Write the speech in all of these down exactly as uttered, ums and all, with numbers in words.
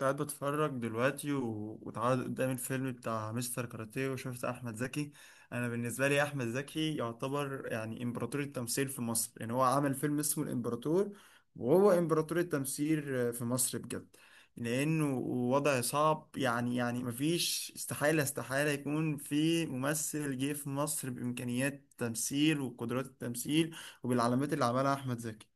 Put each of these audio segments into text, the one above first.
قاعد بتفرج دلوقتي و... واتعرض قدامي الفيلم بتاع مستر كاراتيه وشفت احمد زكي. انا بالنسبه لي احمد زكي يعتبر يعني امبراطور التمثيل في مصر، يعني هو عمل فيلم اسمه الامبراطور وهو امبراطور التمثيل في مصر بجد. لانه وضع صعب، يعني يعني مفيش استحاله استحاله يكون في ممثل جه في مصر بامكانيات التمثيل وقدرات التمثيل وبالعلامات اللي عملها احمد زكي.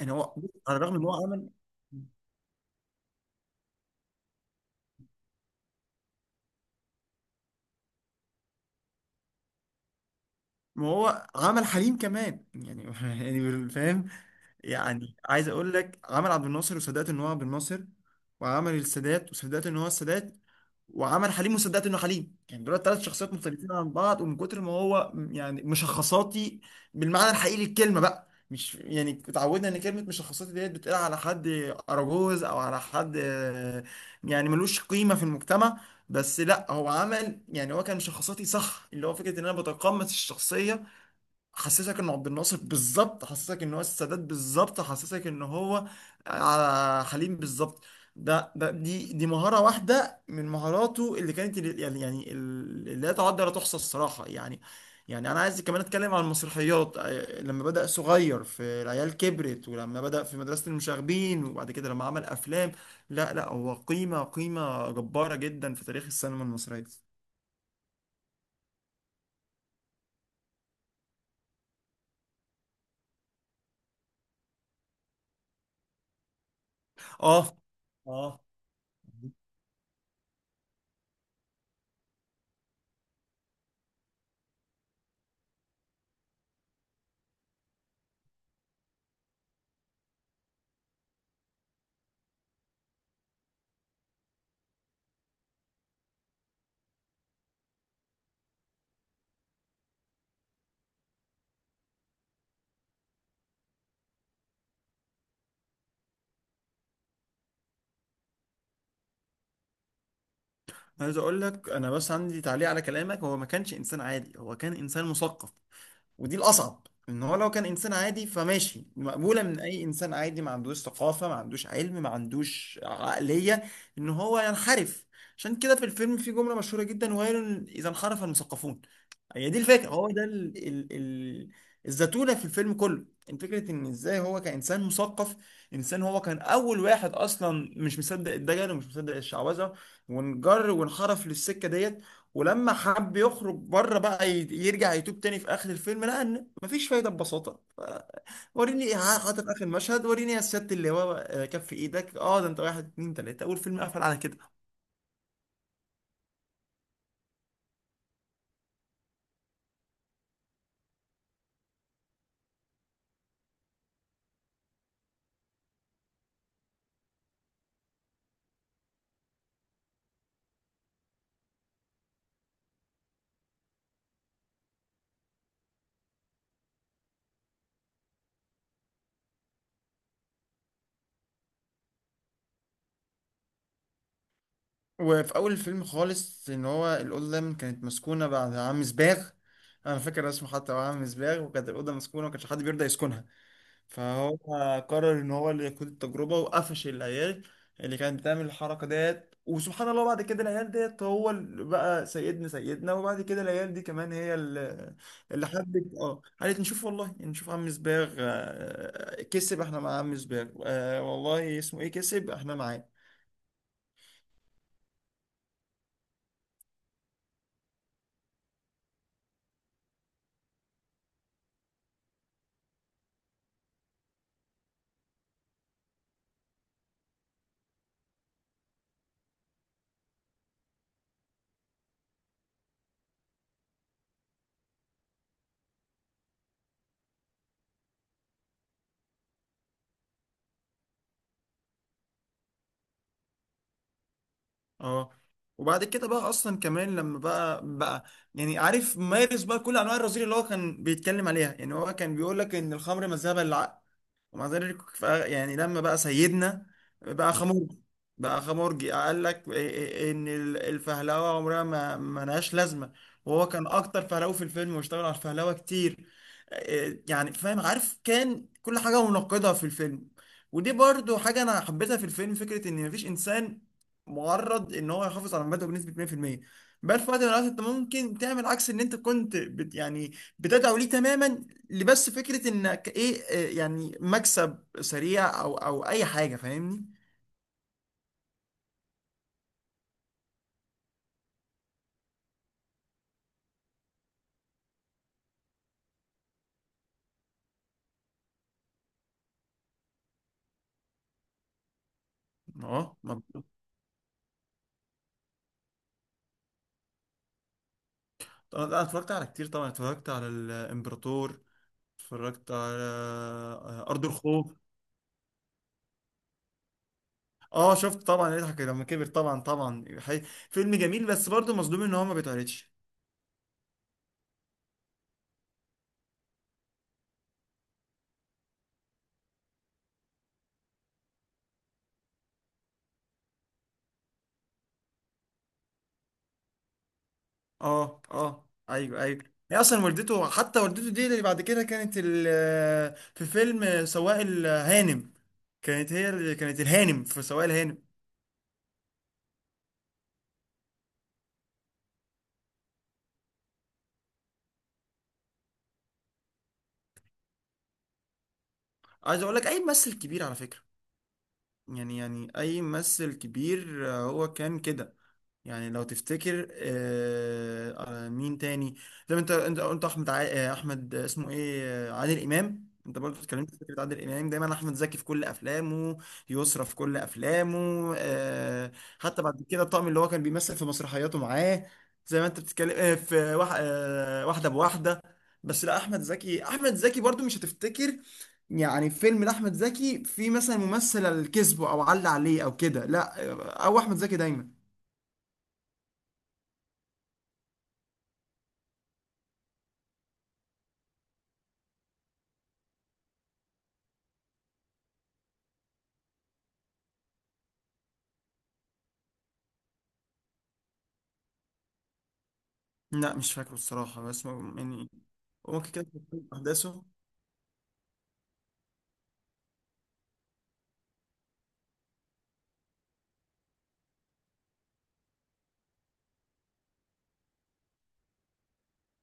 يعني هو على الرغم ان هو عمل ما هو عمل حليم كمان يعني يعني فاهم. يعني عايز اقول لك، عمل عبد الناصر وصدقت ان هو عبد الناصر، وعمل السادات وصدقت ان هو السادات، وعمل حليم وصدقت انه حليم. يعني دول ثلاث شخصيات مختلفين عن بعض، ومن كتر ما هو يعني مشخصاتي بالمعنى الحقيقي للكلمه، بقى مش يعني اتعودنا ان كلمه مشخصاتي ديت بتقال على حد اراجوز او على حد آه، يعني ملوش قيمه في المجتمع. بس لا، هو عمل، يعني هو كان مشخصاتي صح، اللي هو فكره ان انا بتقمص الشخصيه. حسسك انه عبد الناصر بالظبط، حسسك ان هو السادات بالظبط، حسسك ان هو آه، حليم بالظبط. ده ده دي دي مهارة واحدة من مهاراته اللي كانت ال- يعني يعني ال- اللي لا تعد ولا تحصى الصراحة يعني. يعني انا عايز كمان اتكلم عن المسرحيات، آه، لما بدأ صغير في العيال كبرت، ولما بدأ في مدرسة المشاغبين، وبعد كده لما عمل افلام. لا لا هو قيمة، قيمة جبارة جدا في تاريخ السينما المصرية. اه، اه، عايز اقول لك انا بس عندي تعليق على كلامك. هو ما كانش انسان عادي، هو كان انسان مثقف، ودي الأصعب. إن هو لو كان إنسان عادي فماشي، مقبولة من أي إنسان عادي ما عندوش ثقافة، ما عندوش علم، ما عندوش عقلية إن هو ينحرف. عشان كده في الفيلم في جملة مشهورة جدا: ويل إذا انحرف المثقفون. هي دي الفكرة، هو ده ال... ال... ال... الزتونة في الفيلم كله. إن فكرة إن إزاي هو كإنسان مثقف، إنسان هو كان أول واحد أصلا مش مصدق الدجل ومش مصدق الشعوذة، وانجر وانحرف للسكة ديت. ولما حب يخرج بره بقى ي- يرجع يتوب تاني في اخر الفيلم، لقى ان مفيش فايده ببساطه. ف- وريني ح- حاطط اخر مشهد، وريني يا سياده اللواء آه، كف ايدك. اه، ده انت واحد اتنين تلاته، اول فيلم قفل على كده. وفي اول الفيلم خالص ان هو الاوضه كانت مسكونه بعد عم سباغ. انا فاكر اسمه حتى هو عم سباغ، وكانت الاوضه مسكونه وما كانش حد بيرضى يسكنها. فهو قرر ان هو اللي يقود التجربه وقفش العيال اللي كانت بتعمل الحركه ديت. وسبحان الله بعد كده العيال ديت هو اللي بقى سيدنا سيدنا، وبعد كده العيال دي كمان هي اللي، اللي حبت. اه، قالت نشوف والله، نشوف عم سباغ آه، كسب، احنا مع عم سباغ آه، والله اسمه ايه، كسب احنا معاه. اه، وبعد كده بقى اصلا كمان لما بقى بقى يعني عارف، مارس بقى كل انواع الرذيله اللي هو كان بيتكلم عليها. يعني هو كان بيقول لك ان الخمر مذهبة للعقل، ومع ذلك ف- يعني لما بقى سيدنا بقى خمورجي. بقى خمورجي قال لك إيه- إيه- إيه، ان ال- الفهلوه عمرها ما ما لهاش لازمه، وهو كان اكتر فهلوه في الفيلم، واشتغل على الفهلوه كتير. إيه، يعني فاهم عارف، كان كل حاجه منقضه في الفيلم. ودي برضو حاجه انا حبيتها في الفيلم، فكره ان مفيش انسان معرض ان هو يحافظ على مبادئه بنسبه مية في المية. بل في وقت من الاوقات انت ممكن تعمل عكس ان انت كنت بت يعني بتدعو ليه تماما. اللي بس فكرة انك ايه، آه، يعني مكسب سريع او او اي حاجة، فاهمني. اه مظبوط. طبعاً انا اتفرجت على كتير، طبعا اتفرجت على الامبراطور، اتفرجت على آه، ارض الخوف. اه شفت طبعا، يضحك لما كبر طبعا، طبعا حي- فيلم جميل بس برضه مظلوم ان هو ما بيتعرضش. اه، اه، ايوه، ايوه. هي اصلا والدته، حتى والدته دي اللي بعد كده كانت ال- في فيلم سواق الهانم، كانت هي اللي كانت الهانم في سواق الهانم. عايز اقول لك اي ممثل كبير على فكرة، يعني يعني اي ممثل كبير آه، هو كان كده. يعني لو تفتكر آه، آه، مين تاني؟ زي ما انت انت قلت احمد ع... آه، احمد آه، اسمه ايه آه، عادل امام. انت برضه اتكلمت في فكره عادل امام دايما، احمد زكي في كل افلامه، يسرا في كل افلامه. آه، حتى بعد كده الطقم اللي هو كان بيمثل في مسرحياته معاه، زي ما انت بتتكلم آه، في وح... آه، واحده بواحده. بس لا احمد زكي، احمد زكي برضه مش هتفتكر يعني فيلم لاحمد زكي في مثلا ممثل الكذب، او علق عليه او كده، لا آه، او احمد زكي دايما. لا مش فاكره الصراحة، بس هو- يعني هو ممكن كده تكون أحداثه.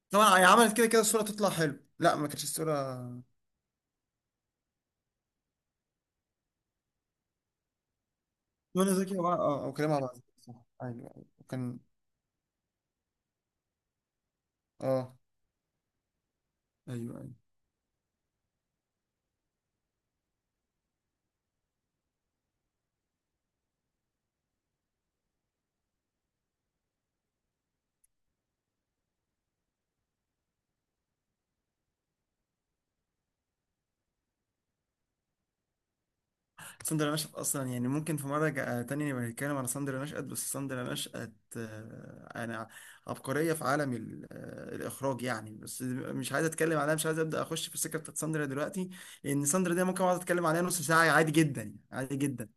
طبعا هي عملت كده كده الصورة تطلع حلو، لا ما كانتش الصورة. منى زكي و- اه آه، وكريم عبد العزيز صح. أيوه، أيوه، وكان. اه، أيوه، أيوه. ساندرا نشأت، أصلا يعني ممكن في مرة جا- آه، تانية نبقى نتكلم على ساندرا نشأت. بس ساندرا نشأت آه، يعني عبقرية في عالم ال- آه، الإخراج يعني. بس مش عايز أتكلم عليها، مش عايز أبدأ أخش في السكة بتاعت ساندرا دلوقتي، لأن ساندرا دي ممكن أقعد أتكلم عليها نص ساعة عادي جدا، يعني عادي جدا.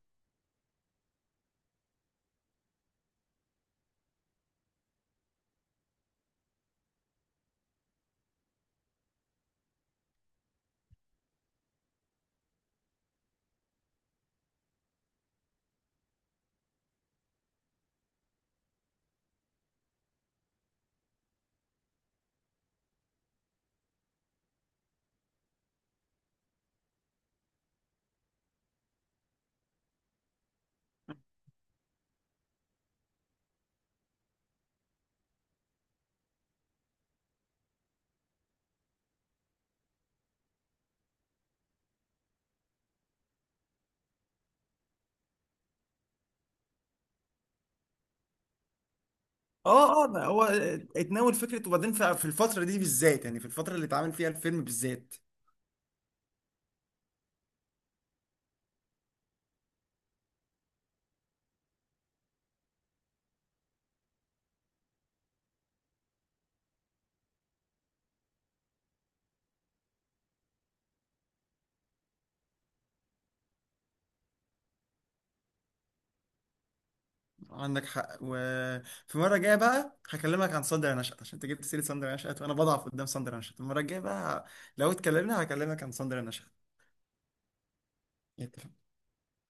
اه، اه، ده هو اتناول فكره. وبعدين ف- في الفتره دي بالذات، يعني في الفتره اللي اتعمل فيها الفيلم بالذات. عندك حق، وفي مره جايه بقى هكلمك عن ساندرا نشأت، عشان انت جبت سيره ساندرا نشأت، وانا بضعف قدام ساندرا نشأت. المره الجايه بقى لو اتكلمنا، هكلمك عن ساندرا نشأت.